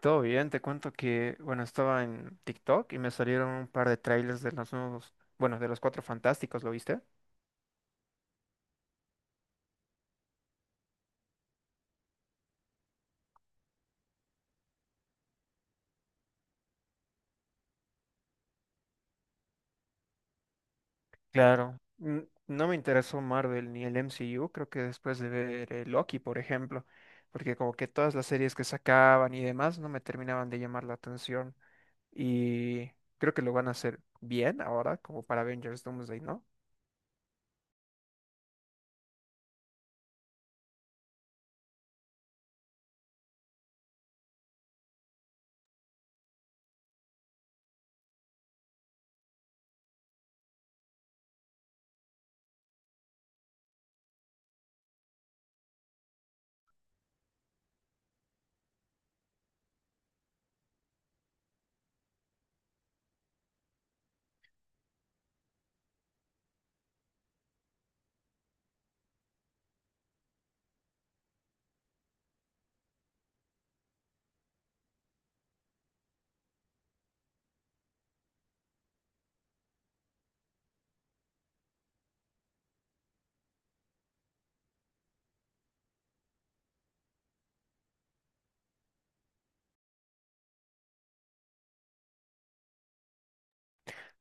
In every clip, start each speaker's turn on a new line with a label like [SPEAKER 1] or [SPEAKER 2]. [SPEAKER 1] Todo bien, te cuento que, bueno, estaba en TikTok y me salieron un par de trailers de los nuevos, bueno, de los Cuatro Fantásticos, ¿lo viste? Claro. No me interesó Marvel ni el MCU, creo que después de ver Loki, por ejemplo, porque como que todas las series que sacaban y demás no me terminaban de llamar la atención y creo que lo van a hacer bien ahora, como para Avengers Doomsday, ¿no?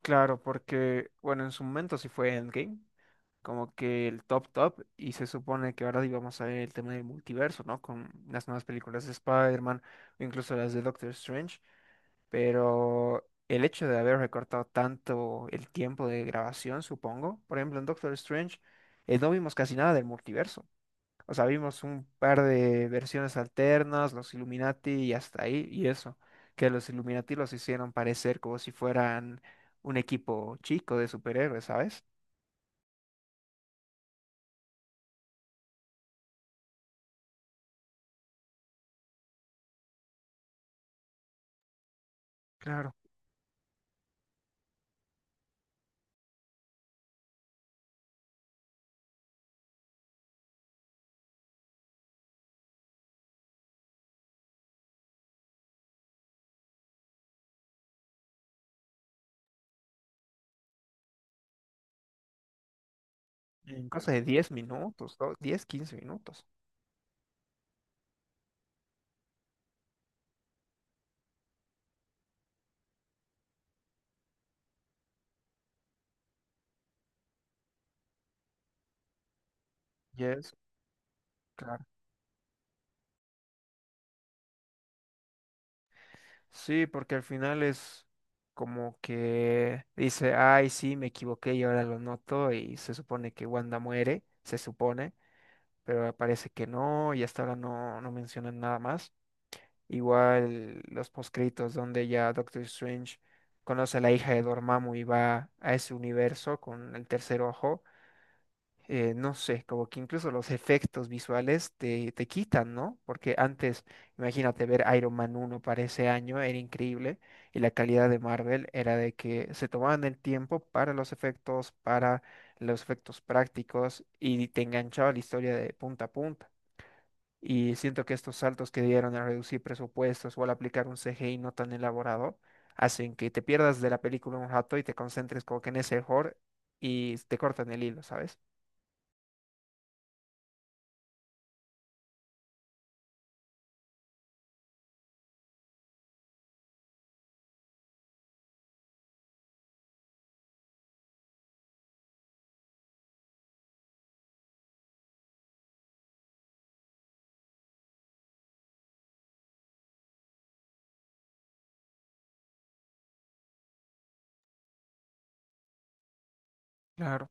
[SPEAKER 1] Claro, porque, bueno, en su momento sí fue Endgame, como que el top top, y se supone que ahora íbamos a ver el tema del multiverso, ¿no? Con las nuevas películas de Spider-Man, o incluso las de Doctor Strange, pero el hecho de haber recortado tanto el tiempo de grabación, supongo, por ejemplo, en Doctor Strange, no vimos casi nada del multiverso. O sea, vimos un par de versiones alternas, los Illuminati y hasta ahí, y eso, que los Illuminati los hicieron parecer como si fueran un equipo chico de superhéroes, ¿sabes? Claro. En cosa de 10 minutos, ¿no? 10, 15 minutos. Y es, claro. Sí, porque al final es como que dice, ay, sí, me equivoqué y ahora lo noto, y se supone que Wanda muere, se supone, pero parece que no, y hasta ahora no, no mencionan nada más. Igual los poscritos donde ya Doctor Strange conoce a la hija de Dormammu y va a ese universo con el tercer ojo. No sé, como que incluso los efectos visuales te quitan, ¿no? Porque antes, imagínate ver Iron Man uno para ese año, era increíble, y la calidad de Marvel era de que se tomaban el tiempo para los efectos prácticos, y te enganchaba la historia de punta a punta. Y siento que estos saltos que dieron al reducir presupuestos o al aplicar un CGI no tan elaborado hacen que te pierdas de la película un rato y te concentres como que en ese horror y te cortan el hilo, ¿sabes? Claro.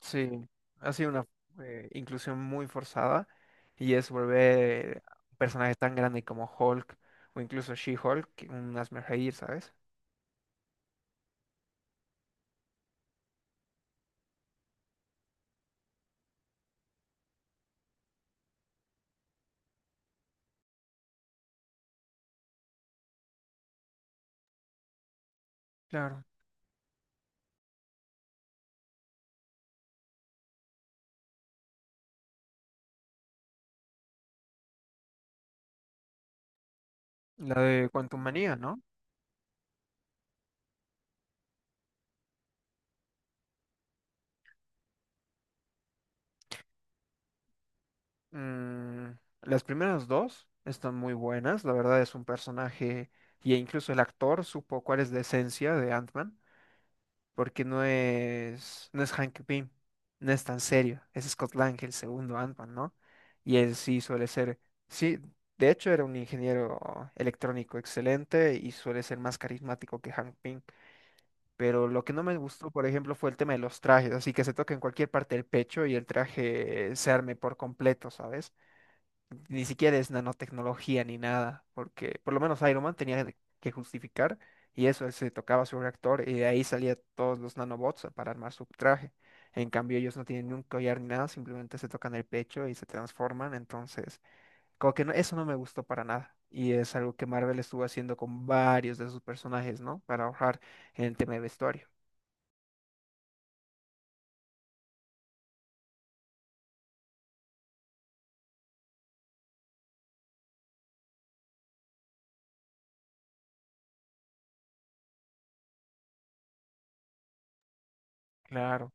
[SPEAKER 1] Sí, ha sido una inclusión muy forzada y es volver a un personaje tan grande como Hulk o incluso She-Hulk, que un hazme reír, ¿sabes? Claro. La de Quantum Manía, ¿no? Mm, las primeras dos están muy buenas, la verdad es un personaje y incluso el actor supo cuál es la esencia de Ant-Man, porque no es, no es Hank Pym, no es tan serio, es Scott Lang, el segundo Ant-Man, ¿no? Y él sí suele ser, sí, de hecho era un ingeniero electrónico excelente y suele ser más carismático que Hank Pym, pero lo que no me gustó, por ejemplo, fue el tema de los trajes, así que se toca en cualquier parte del pecho y el traje se arme por completo, ¿sabes? Ni siquiera es nanotecnología ni nada, porque por lo menos Iron Man tenía que justificar y eso, él se tocaba su reactor y de ahí salía todos los nanobots para armar su traje. En cambio, ellos no tienen ni un collar ni nada, simplemente se tocan el pecho y se transforman, entonces, como que no, eso no me gustó para nada. Y es algo que Marvel estuvo haciendo con varios de sus personajes, ¿no? Para ahorrar en el tema de vestuario. Claro.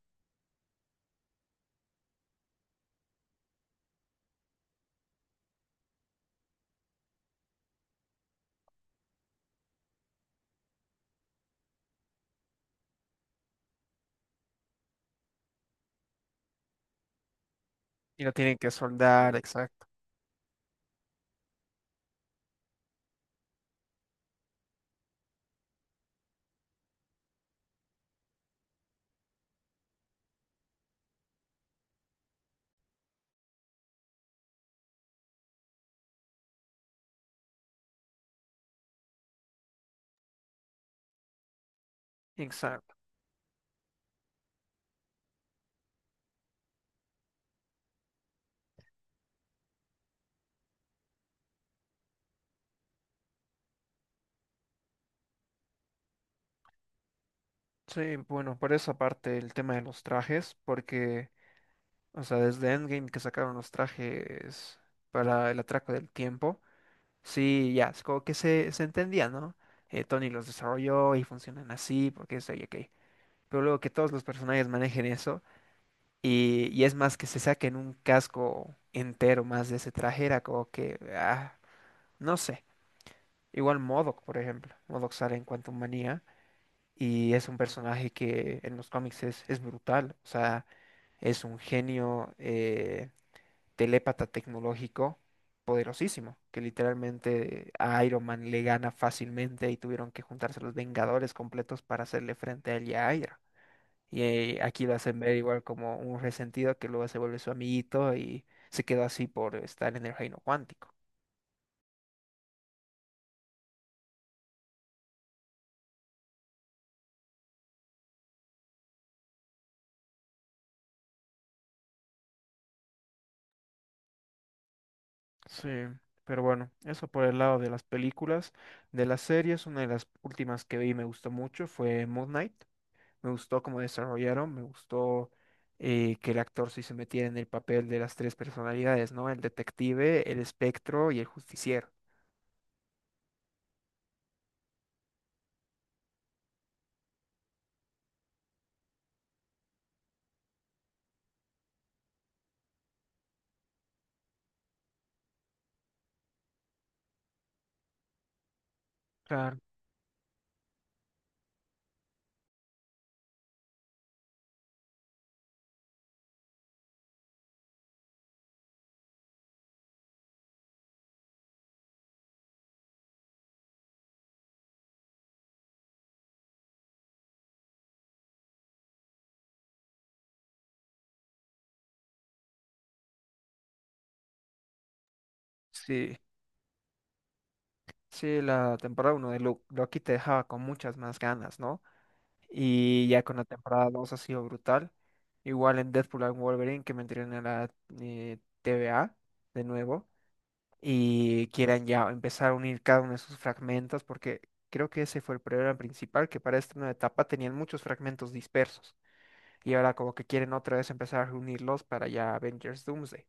[SPEAKER 1] Y lo tienen que soldar, exacto. Exacto. Sí, bueno, por esa parte el tema de los trajes, porque o sea, desde Endgame que sacaron los trajes para el atraco del tiempo. Sí, ya, es como que se entendía, ¿no? Tony los desarrolló y funcionan así, porque es ok. Pero luego que todos los personajes manejen eso, y es más que se saquen un casco entero más de ese traje, era como que, ah, no sé. Igual MODOK, por ejemplo. MODOK sale en Quantum Manía, y es un personaje que en los cómics es brutal. O sea, es un genio. Telépata tecnológico poderosísimo, que literalmente a Iron Man le gana fácilmente y tuvieron que juntarse los Vengadores completos para hacerle frente a él y a Hydra. Y aquí lo hacen ver igual como un resentido que luego se vuelve su amiguito y se quedó así por estar en el reino cuántico. Sí, pero bueno, eso por el lado de las películas. De las series, una de las últimas que vi y me gustó mucho fue Moon Knight. Me gustó cómo desarrollaron, me gustó que el actor sí se metiera en el papel de las tres personalidades, ¿no? El detective, el espectro y el justiciero. Claro. Sí, sí, la temporada uno de Loki te dejaba con muchas más ganas, ¿no? Y ya con la temporada 2 ha sido brutal. Igual en Deadpool and Wolverine que me entrené en la TVA de nuevo. Y quieran ya empezar a unir cada uno de sus fragmentos, porque creo que ese fue el problema principal, que para esta nueva etapa tenían muchos fragmentos dispersos y ahora como que quieren otra vez empezar a reunirlos para ya Avengers Doomsday.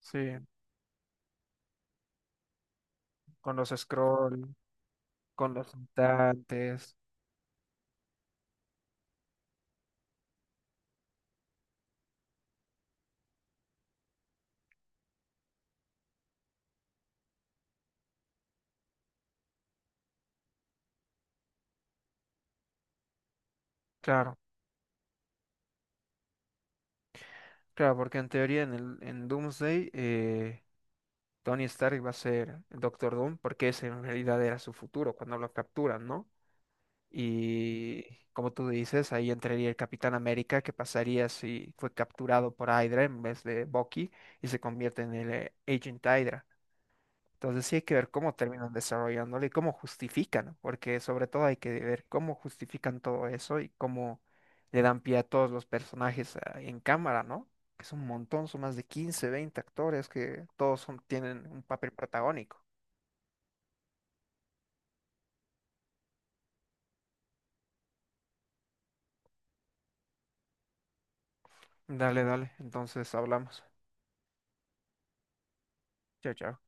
[SPEAKER 1] Sí, con los scroll, con los mutantes, claro, claro, porque en teoría en Doomsday Tony Stark va a ser el Doctor Doom, porque ese en realidad era su futuro cuando lo capturan, ¿no? Y como tú dices, ahí entraría el Capitán América, que pasaría si fue capturado por Hydra en vez de Bucky y se convierte en el Agent Hydra. Entonces sí hay que ver cómo terminan desarrollándolo y cómo justifican, ¿no? Porque sobre todo hay que ver cómo justifican todo eso y cómo le dan pie a todos los personajes en cámara, ¿no? Que es un montón, son más de 15 20 actores que todos tienen un papel protagónico. Dale, dale, entonces hablamos. Chao, chao.